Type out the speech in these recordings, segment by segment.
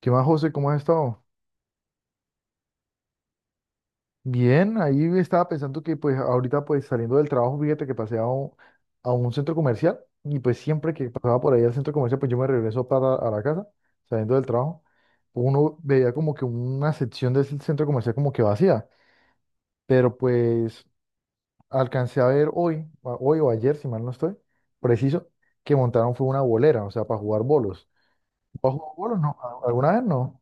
¿Qué más, José? ¿Cómo has estado? Bien, ahí estaba pensando que pues ahorita pues saliendo del trabajo, fíjate que pasé a un centro comercial y pues siempre que pasaba por ahí al centro comercial pues yo me regreso para a la casa saliendo del trabajo. Uno veía como que una sección del centro comercial como que vacía, pero pues alcancé a ver hoy, hoy o ayer, si mal no estoy, preciso, que montaron fue una bolera, o sea, para jugar bolos. ¿Has jugado bolos? No, ¿alguna vez no?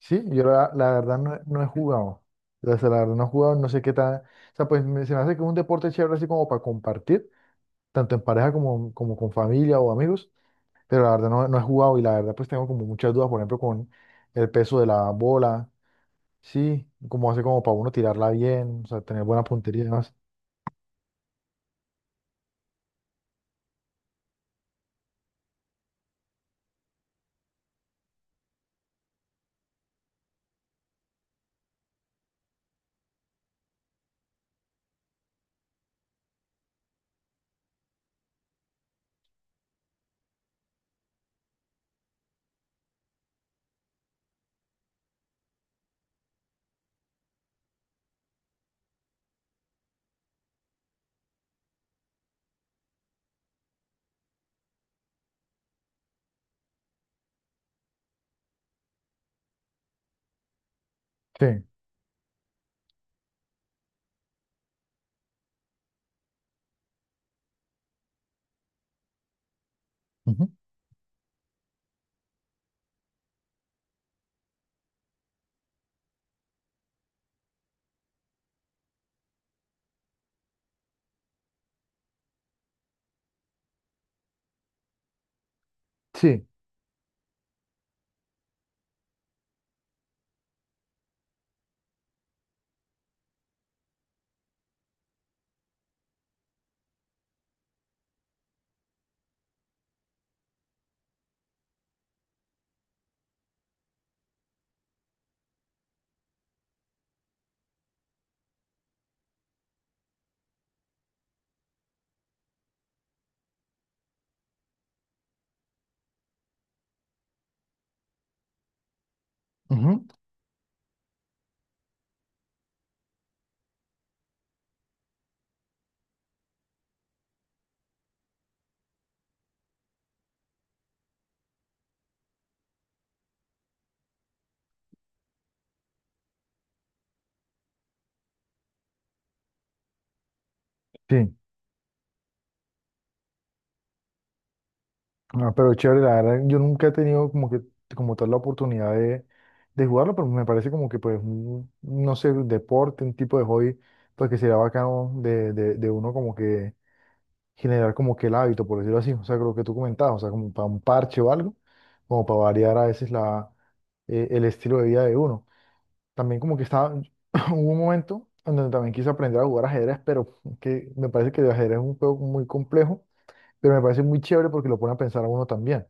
Sí, yo la verdad no, no he jugado. O sea, la verdad no he jugado, no sé qué tal. O sea, pues se me hace que es un deporte chévere así como para compartir, tanto en pareja como con familia o amigos, pero la verdad no, no he jugado y la verdad pues tengo como muchas dudas, por ejemplo, con el peso de la bola, sí, como hace como para uno tirarla bien, o sea, tener buena puntería y demás. Sí, ujú. Sí, ujú, sí. Ah, pero chévere, la verdad, yo nunca he tenido como que como tal la oportunidad de jugarlo, pero me parece como que pues un, no sé, un deporte, un tipo de hobby, pues que sería bacano de uno como que generar como que el hábito, por decirlo así, o sea, lo que tú comentabas, o sea, como para un parche o algo, como para variar a veces la, el estilo de vida de uno. También como que estaba, hubo un momento en donde también quise aprender a jugar ajedrez, pero que me parece que el ajedrez es un juego muy complejo, pero me parece muy chévere porque lo pone a pensar a uno también.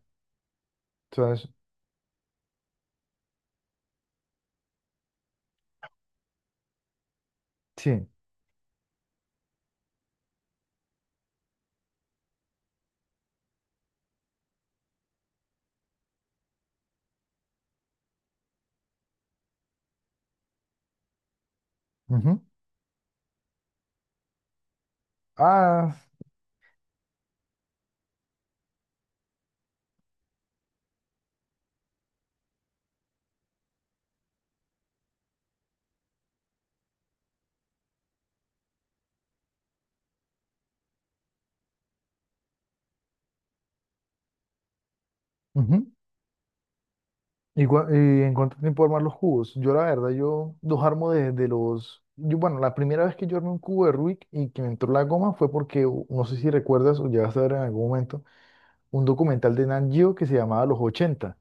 Sí. Ujú. Ah, ujú. ¿Y, y en cuánto tiempo armar los cubos? Yo la verdad, yo los armo de los... Yo, bueno, la primera vez que yo armé un cubo de Rubik y que me entró la goma fue porque, no sé si recuerdas o llegaste a ver en algún momento, un documental de Nat Geo que se llamaba Los ochenta.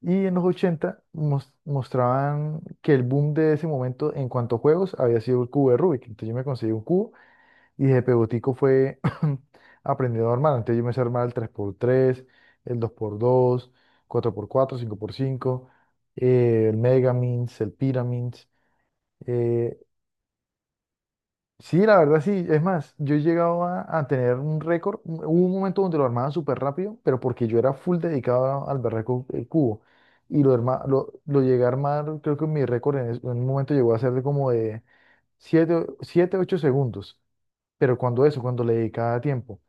Y en los ochenta mostraban que el boom de ese momento en cuanto a juegos había sido el cubo de Rubik. Entonces yo me conseguí un cubo. Y de Pebotico fue aprendiendo a armar. Entonces yo me sé armar el 3x3, el 2x2, 4x4, 5x5, el Megamins, el Pyramins. eh, sí, la verdad sí. Es más, yo he llegado a tener un récord. Hubo un momento donde lo armaba súper rápido, pero porque yo era full dedicado al berraco el cubo. Y lo llegué a armar, creo que mi récord en un momento llegó a ser de como de 7, 7 u 8 segundos. Pero cuando eso, cuando le dedicaba tiempo.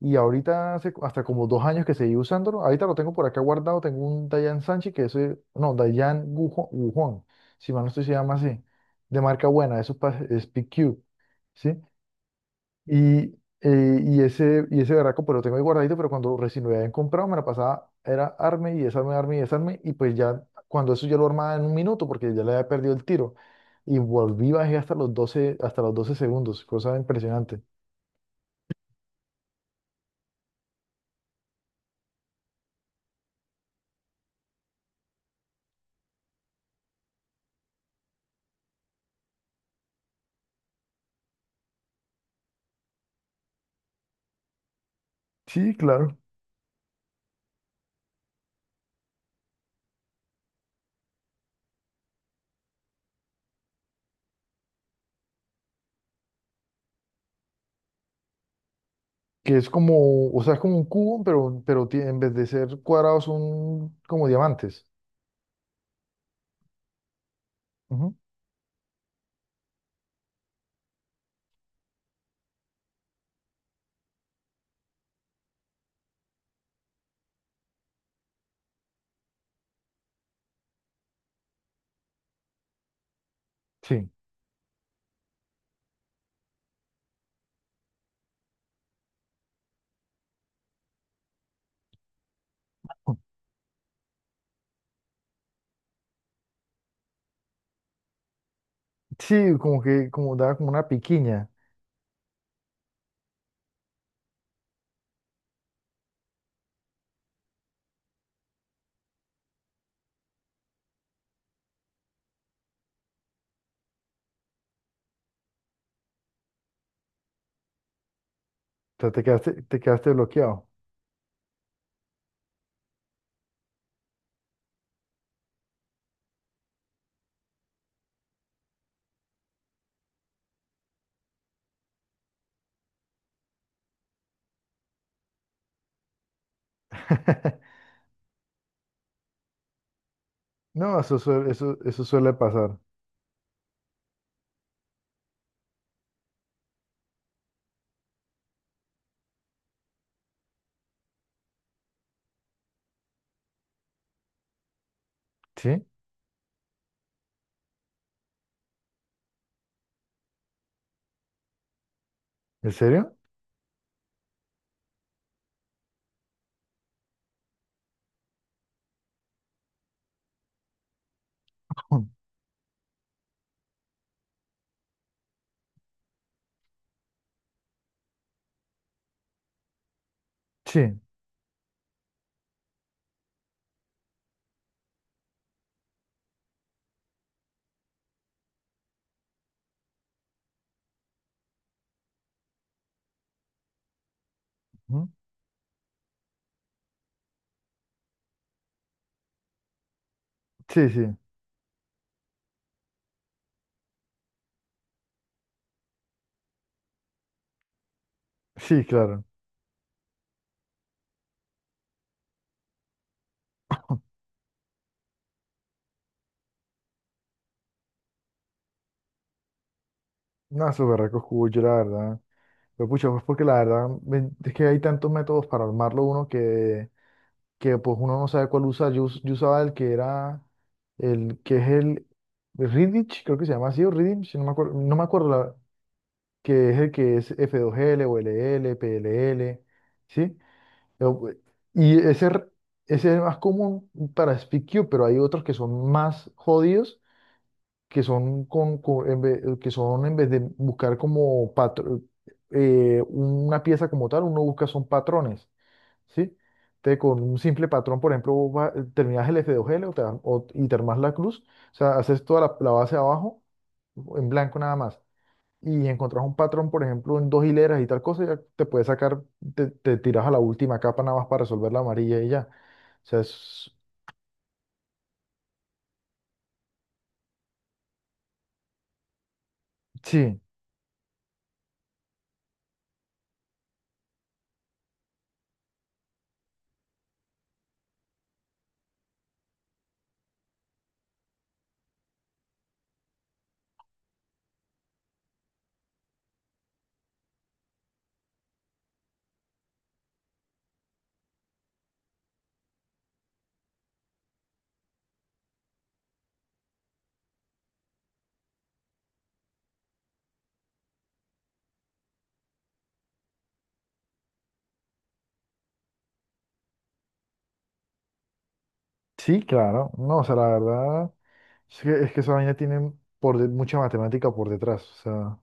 Y ahorita hace hasta como 2 años que seguí usándolo. Ahorita lo tengo por acá guardado. Tengo un Dayan Sanchi que ese, no, Dayan Gujón, si mal no estoy, se llama así, de marca buena, eso es, es PQ, ¿sí? Y, y ese berraco, pero lo tengo ahí guardadito, pero cuando recién lo habían comprado, me la pasaba, era arme y desarme, y pues ya, cuando eso ya lo armaba en 1 minuto, porque ya le había perdido el tiro. Y volví, bajé hasta los 12 segundos, cosa impresionante. Sí, claro. Que es como, o sea, es como un cubo, pero, en vez de ser cuadrados son como diamantes. Ujú. Sí, sí, como que como daba como una piquiña. O sea, te quedaste bloqueado. No, eso suele pasar. ¿Sí? ¿En serio? Ujú. Sí. Ujú. Sí, sí. Sí, claro. No, esos berracos cubos, yo la verdad. Pero pucha, pues porque la verdad es que hay tantos métodos para armarlo uno que pues uno no sabe cuál usar. Yo, yo usaba el que era, el que es el Quidditch, creo que se llama así, o Quidditch, no me acuerdo, no me acuerdo que es el que es F2L o LL, PLL, ¿sí? Yo, y ese, ese es el más común para SpeakQ, pero hay otros que son más jodidos, que son, en vez, que son en vez de buscar como una pieza como tal, uno busca son patrones. ¿Sí? Te, con un simple patrón, por ejemplo, terminás el F2L y te armás la cruz, o sea, haces toda la, la base abajo en blanco nada más. Y encontrás un patrón, por ejemplo, en 2 hileras y tal cosa, ya te puedes sacar, te tiras a la última capa nada más para resolver la amarilla y ya. O sea, es- sí, sí, claro. No, o sea, la verdad es que esa vaina tiene mucha matemática por detrás. O sea,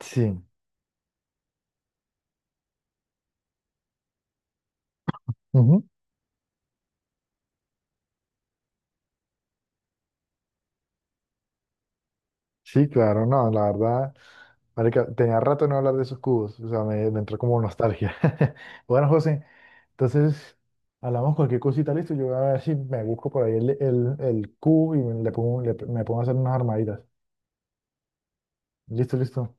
sí. Ujú. Sí, claro, no, la verdad. Marica, tenía rato de no hablar de esos cubos, o sea, me entró como nostalgia. Bueno, José, entonces hablamos cualquier cosita, listo. Yo voy a ver si me busco por ahí el cubo y me pongo a hacer unas armaditas. Listo, listo.